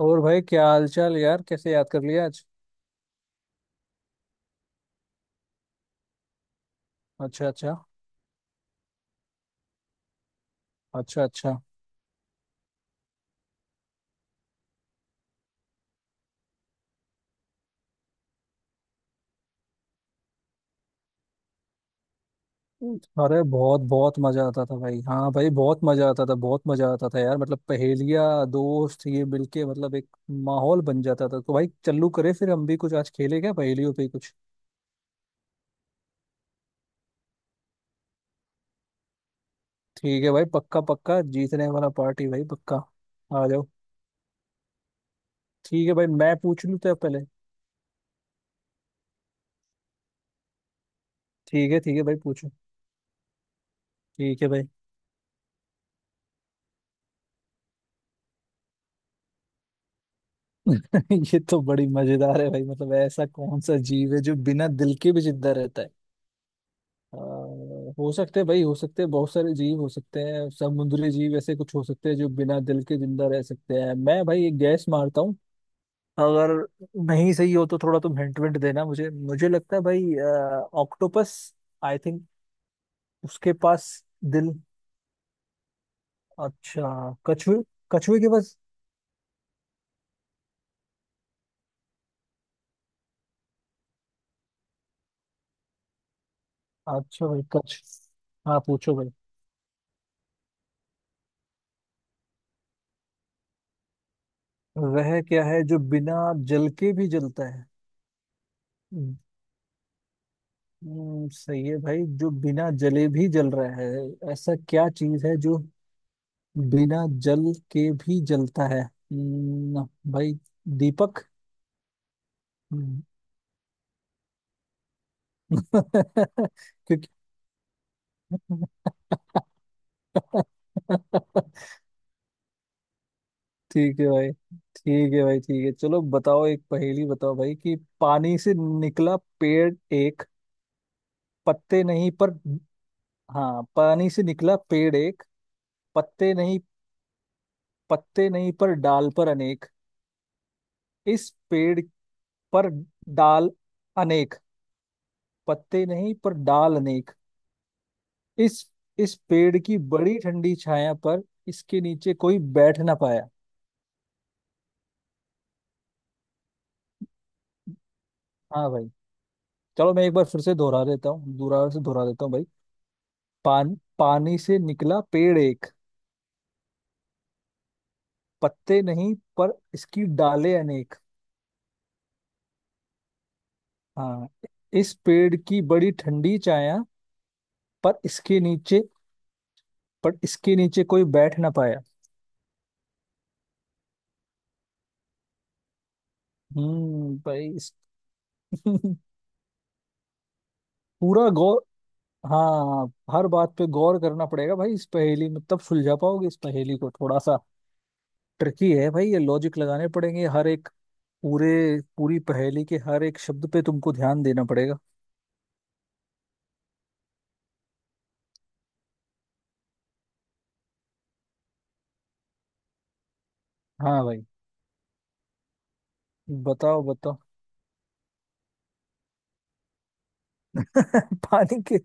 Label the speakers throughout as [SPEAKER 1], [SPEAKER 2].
[SPEAKER 1] और भाई, क्या हाल चाल यार? कैसे याद कर लिया आज? अच्छा, अच्छा। अच्छा, अच्छा। अरे बहुत बहुत मजा आता था भाई। हाँ भाई, बहुत मजा आता था, बहुत मजा आता था यार, मतलब पहेलियाँ, दोस्त ये मिलके, मतलब एक माहौल बन जाता था। तो भाई, चलू करे फिर हम भी कुछ आज खेले क्या, पहेलियों पे ही कुछ। ठीक है भाई, पक्का पक्का, जीतने वाला पार्टी भाई, पक्का। आ जाओ। ठीक है भाई, मैं पूछ लूँ तो आप पहले? ठीक है, ठीक है भाई, पूछो। ठीक है भाई। ये तो बड़ी मजेदार है भाई। मतलब ऐसा कौन सा जीव है जो बिना दिल के भी जिंदा रहता है? आ, हो सकते हैं भाई, हो सकते हैं, बहुत सारे जीव हो सकते हैं, समुद्री जीव ऐसे कुछ हो सकते हैं जो बिना दिल के जिंदा रह सकते हैं। मैं भाई एक गैस मारता हूँ। अगर नहीं सही हो तो थोड़ा तुम हिंट विंट देना मुझे मुझे लगता है भाई, ऑक्टोपस, आई थिंक, उसके पास दिल। अच्छा। कछुए, कछुए के पास। अच्छा भाई, कछ हाँ, पूछो भाई। वह क्या है जो बिना जल के भी जलता है? हम्म, सही है भाई, जो बिना जले भी जल रहा है। ऐसा क्या चीज है जो बिना जल के भी जलता है? भाई, दीपक। हम्म, क्योंकि। ठीक है भाई, ठीक है भाई, ठीक है। चलो बताओ एक पहेली, बताओ भाई कि पानी से निकला पेड़ एक, पत्ते नहीं पर। हाँ, पानी से निकला पेड़ एक, पत्ते नहीं। पत्ते नहीं, पर डाल पर अनेक। इस पेड़ पर डाल अनेक। पत्ते नहीं, पर डाल अनेक। इस इस पेड़ की बड़ी ठंडी छाया, पर इसके नीचे कोई बैठ ना पाया। हाँ भाई, चलो मैं एक बार फिर से दोहरा देता हूँ, दोबारा से दोहरा देता हूँ भाई। पानी से निकला पेड़ एक, पत्ते नहीं, पर इसकी डालें अनेक। हाँ। इस पेड़ की बड़ी ठंडी छाया, पर इसके नीचे पर इसके नीचे कोई बैठ ना पाया। भाई, इस पूरा गौर हाँ, हर बात पे गौर करना पड़ेगा भाई इस पहेली में, तब सुलझा पाओगे इस पहेली को। थोड़ा सा ट्रिकी है भाई, ये लॉजिक लगाने पड़ेंगे हर एक, पूरे पूरी पहेली के हर एक शब्द पे तुमको ध्यान देना पड़ेगा। हाँ भाई, बताओ बताओ। पानी के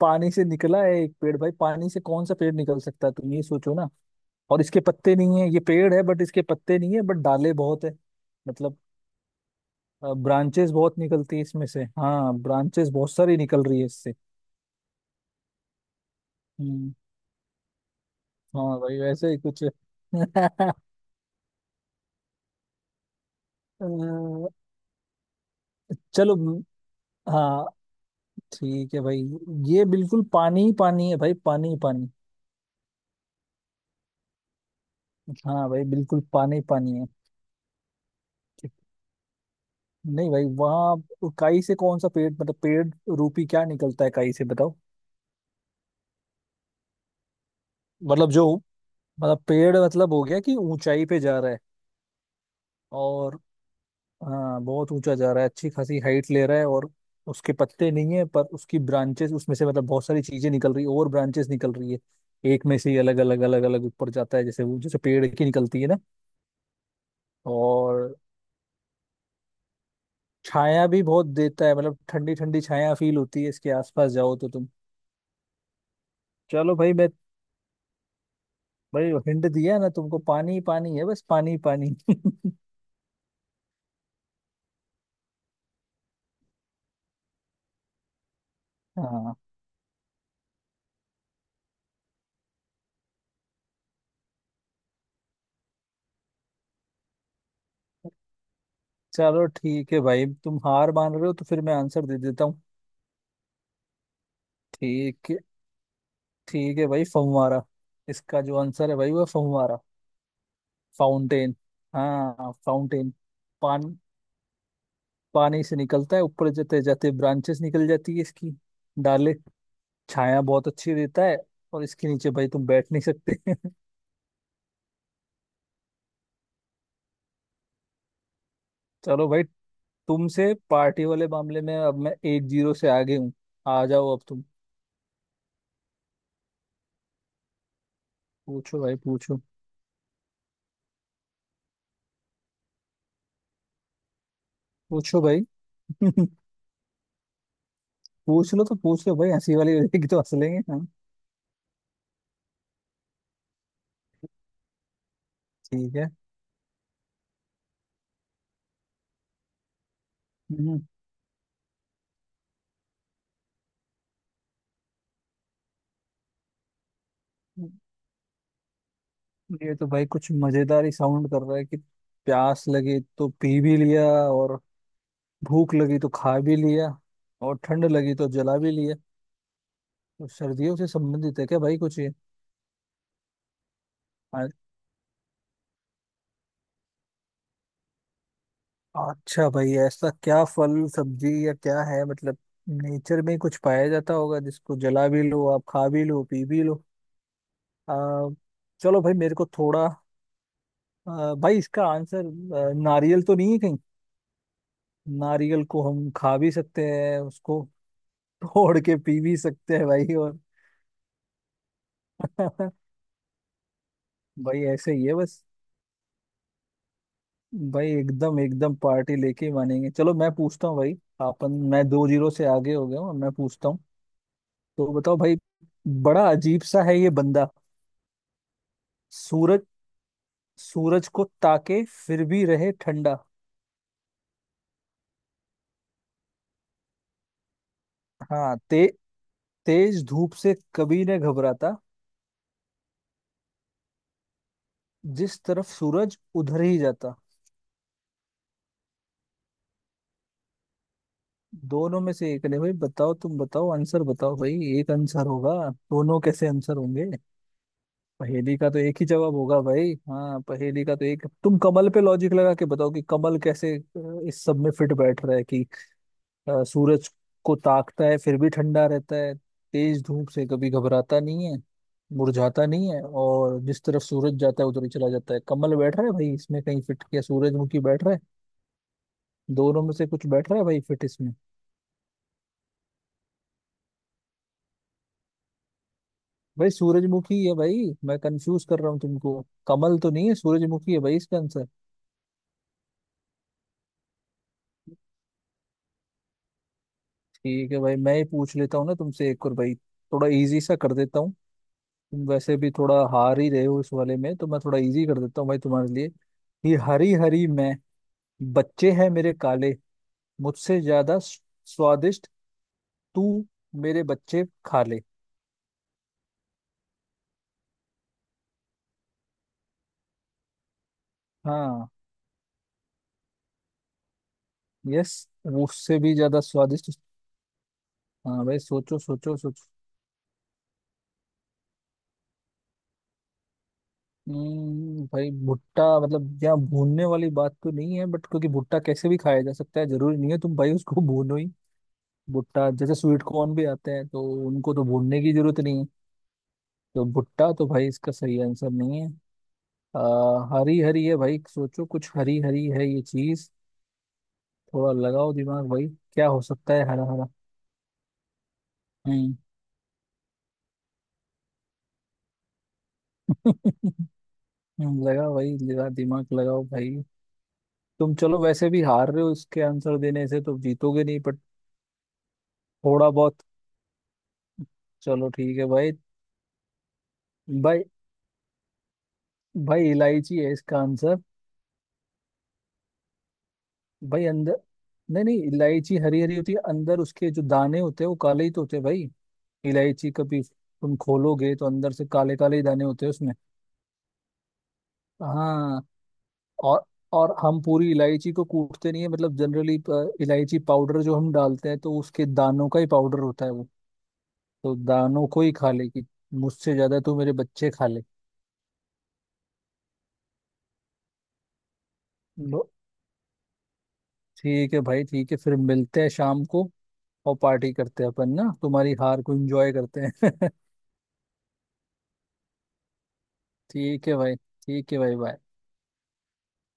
[SPEAKER 1] पानी से निकला है एक पेड़ भाई, पानी से कौन सा पेड़ निकल सकता है, तुम ये सोचो ना। और इसके पत्ते नहीं है, ये पेड़ है बट इसके पत्ते नहीं है, बट डाले बहुत है, मतलब ब्रांचेस बहुत निकलती है इसमें से। हाँ, ब्रांचेस बहुत सारी निकल रही है इससे। हम्म। हाँ भाई, वैसे ही कुछ है। अ, चलो, हाँ ठीक है भाई, ये बिल्कुल पानी ही पानी है भाई, पानी ही पानी। हाँ भाई, बिल्कुल पानी ही पानी है। ठीक। नहीं भाई, वहाँ काई से कौन सा पेड़, मतलब पेड़ रूपी क्या निकलता है काई से, बताओ। मतलब जो, मतलब पेड़, मतलब हो गया कि ऊंचाई पे जा रहा है। और हाँ, बहुत ऊंचा जा रहा है, अच्छी खासी हाइट ले रहा है, और उसके पत्ते नहीं है, पर उसकी ब्रांचेस उसमें से, मतलब बहुत सारी चीजें निकल रही है और ब्रांचेस निकल रही है, एक में से ही अलग अलग अलग अलग ऊपर जाता है, जैसे वो जैसे पेड़ की निकलती है ना। और छाया भी बहुत देता है, मतलब ठंडी ठंडी छाया फील होती है इसके आसपास, जाओ तो तुम। चलो भाई, मैं भाई हिंट दिया ना तुमको, पानी ही पानी है बस, पानी ही पानी। हाँ, चलो ठीक है भाई, तुम हार मान रहे हो तो फिर मैं आंसर दे देता हूँ। ठीक है, ठीक है भाई, फव्वारा। इसका जो आंसर है भाई, वो है फव्वारा, फाउंटेन। हाँ, फाउंटेन। पान पानी से निकलता है, ऊपर जाते जाते ब्रांचेस निकल जाती है इसकी, डाले, छाया बहुत अच्छी देता है, और इसके नीचे भाई तुम बैठ नहीं सकते। चलो भाई, तुमसे पार्टी वाले मामले में अब मैं 1-0 से आगे हूँ। आ जाओ अब तुम। पूछो भाई, पूछो, पूछो भाई। पूछ लो तो पूछ लो भाई, हंसी वाली हो जाएगी तो हंस लेंगे, हाँ। ठीक है। हम्म, हम्म। ये तो भाई कुछ मजेदार ही साउंड कर रहा है कि प्यास लगी तो पी भी लिया, और भूख लगी तो खा भी लिया, और ठंड लगी तो जला भी लिया। तो सर्दियों से संबंधित है क्या भाई कुछ ये? अच्छा भाई, ऐसा क्या फल सब्जी या क्या है, मतलब नेचर में कुछ पाया जाता होगा जिसको जला भी लो, आप खा भी लो, पी भी लो। आ, चलो भाई मेरे को थोड़ा, भाई इसका आंसर, नारियल तो नहीं है कहीं? नारियल को हम खा भी सकते हैं उसको। तोड़ के पी भी सकते हैं भाई और। भाई ऐसे ही है बस। भाई, एकदम एकदम पार्टी लेके ही मानेंगे। चलो मैं पूछता हूँ भाई। अपन मैं 2-0 से आगे हो गया हूँ। मैं पूछता हूँ। तो बताओ भाई, बड़ा अजीब सा है ये बंदा, सूरज, सूरज को ताके फिर भी रहे ठंडा। हाँ, तेज धूप से कभी न घबराता, जिस तरफ सूरज उधर ही जाता। दोनों में से एक ने भाई, बताओ तुम, बताओ आंसर, बताओ भाई। एक आंसर होगा, दोनों कैसे आंसर होंगे? पहेली का तो एक ही जवाब होगा भाई। हाँ, पहेली का तो एक। तुम कमल पे लॉजिक लगा के बताओ कि कमल कैसे, इस सब में फिट बैठ रहा है कि। सूरज को ताकता है फिर भी ठंडा रहता है, तेज धूप से कभी घबराता नहीं है, मुरझाता नहीं है, और जिस तरफ सूरज जाता है उधर ही चला जाता है, कमल बैठ रहा है भाई इसमें कहीं फिट? क्या सूरजमुखी बैठ रहा है? दोनों में से कुछ बैठ रहा है भाई फिट इसमें? भाई सूरजमुखी है भाई, मैं कंफ्यूज कर रहा हूँ तुमको। कमल तो नहीं है, सूरजमुखी है भाई इसका आंसर। ठीक है भाई, मैं ही पूछ लेता हूँ ना तुमसे एक और भाई, थोड़ा इजी सा कर देता हूँ। तुम वैसे भी थोड़ा हार ही रहे हो इस वाले में, तो मैं थोड़ा इजी कर देता हूँ भाई तुम्हारे लिए। ये हरी हरी मैं, बच्चे हैं मेरे काले, मुझसे ज्यादा स्वादिष्ट, तू मेरे बच्चे खा ले। हाँ, यस। मुझसे भी ज्यादा स्वादिष्ट। हाँ भाई, सोचो, सोचो, सोचो। भाई, भुट्टा, मतलब यहाँ भूनने वाली बात तो नहीं है बट, क्योंकि भुट्टा कैसे भी खाया जा सकता है, जरूरी नहीं है तुम भाई उसको भूनो ही। भुट्टा जैसे स्वीट कॉर्न भी आते हैं, तो उनको तो भूनने की जरूरत नहीं है। तो भुट्टा तो भाई इसका सही आंसर नहीं है। आ, हरी हरी है भाई, सोचो कुछ हरी हरी है ये चीज। थोड़ा लगाओ दिमाग भाई। क्या हो सकता है हरा हरा? हम्म। लगा भाई, लगा, दिमाग लगाओ भाई। तुम चलो वैसे भी हार रहे हो, इसके आंसर देने से तुम जीतोगे नहीं बट, थोड़ा बहुत। चलो ठीक है भाई। भाई, भाई, इलायची है इसका आंसर। भाई अंदर, नहीं नहीं, इलायची हरी हरी होती है, अंदर उसके जो दाने होते हैं वो काले ही तो होते हैं भाई। इलायची कभी तुम खोलोगे तो अंदर से काले काले ही दाने होते हैं उसमें। हाँ, और और हम पूरी इलायची को कूटते नहीं है, मतलब जनरली। इलायची पाउडर जो हम डालते हैं तो उसके दानों का ही पाउडर होता है वो। तो दानों को ही खा लेगी, मुझसे ज्यादा तो मेरे बच्चे खा ले। लो, ठीक है भाई, ठीक है। फिर मिलते हैं शाम को, और पार्टी करते हैं अपन ना, तुम्हारी हार को एंजॉय करते हैं। ठीक है भाई, ठीक है भाई, बाय।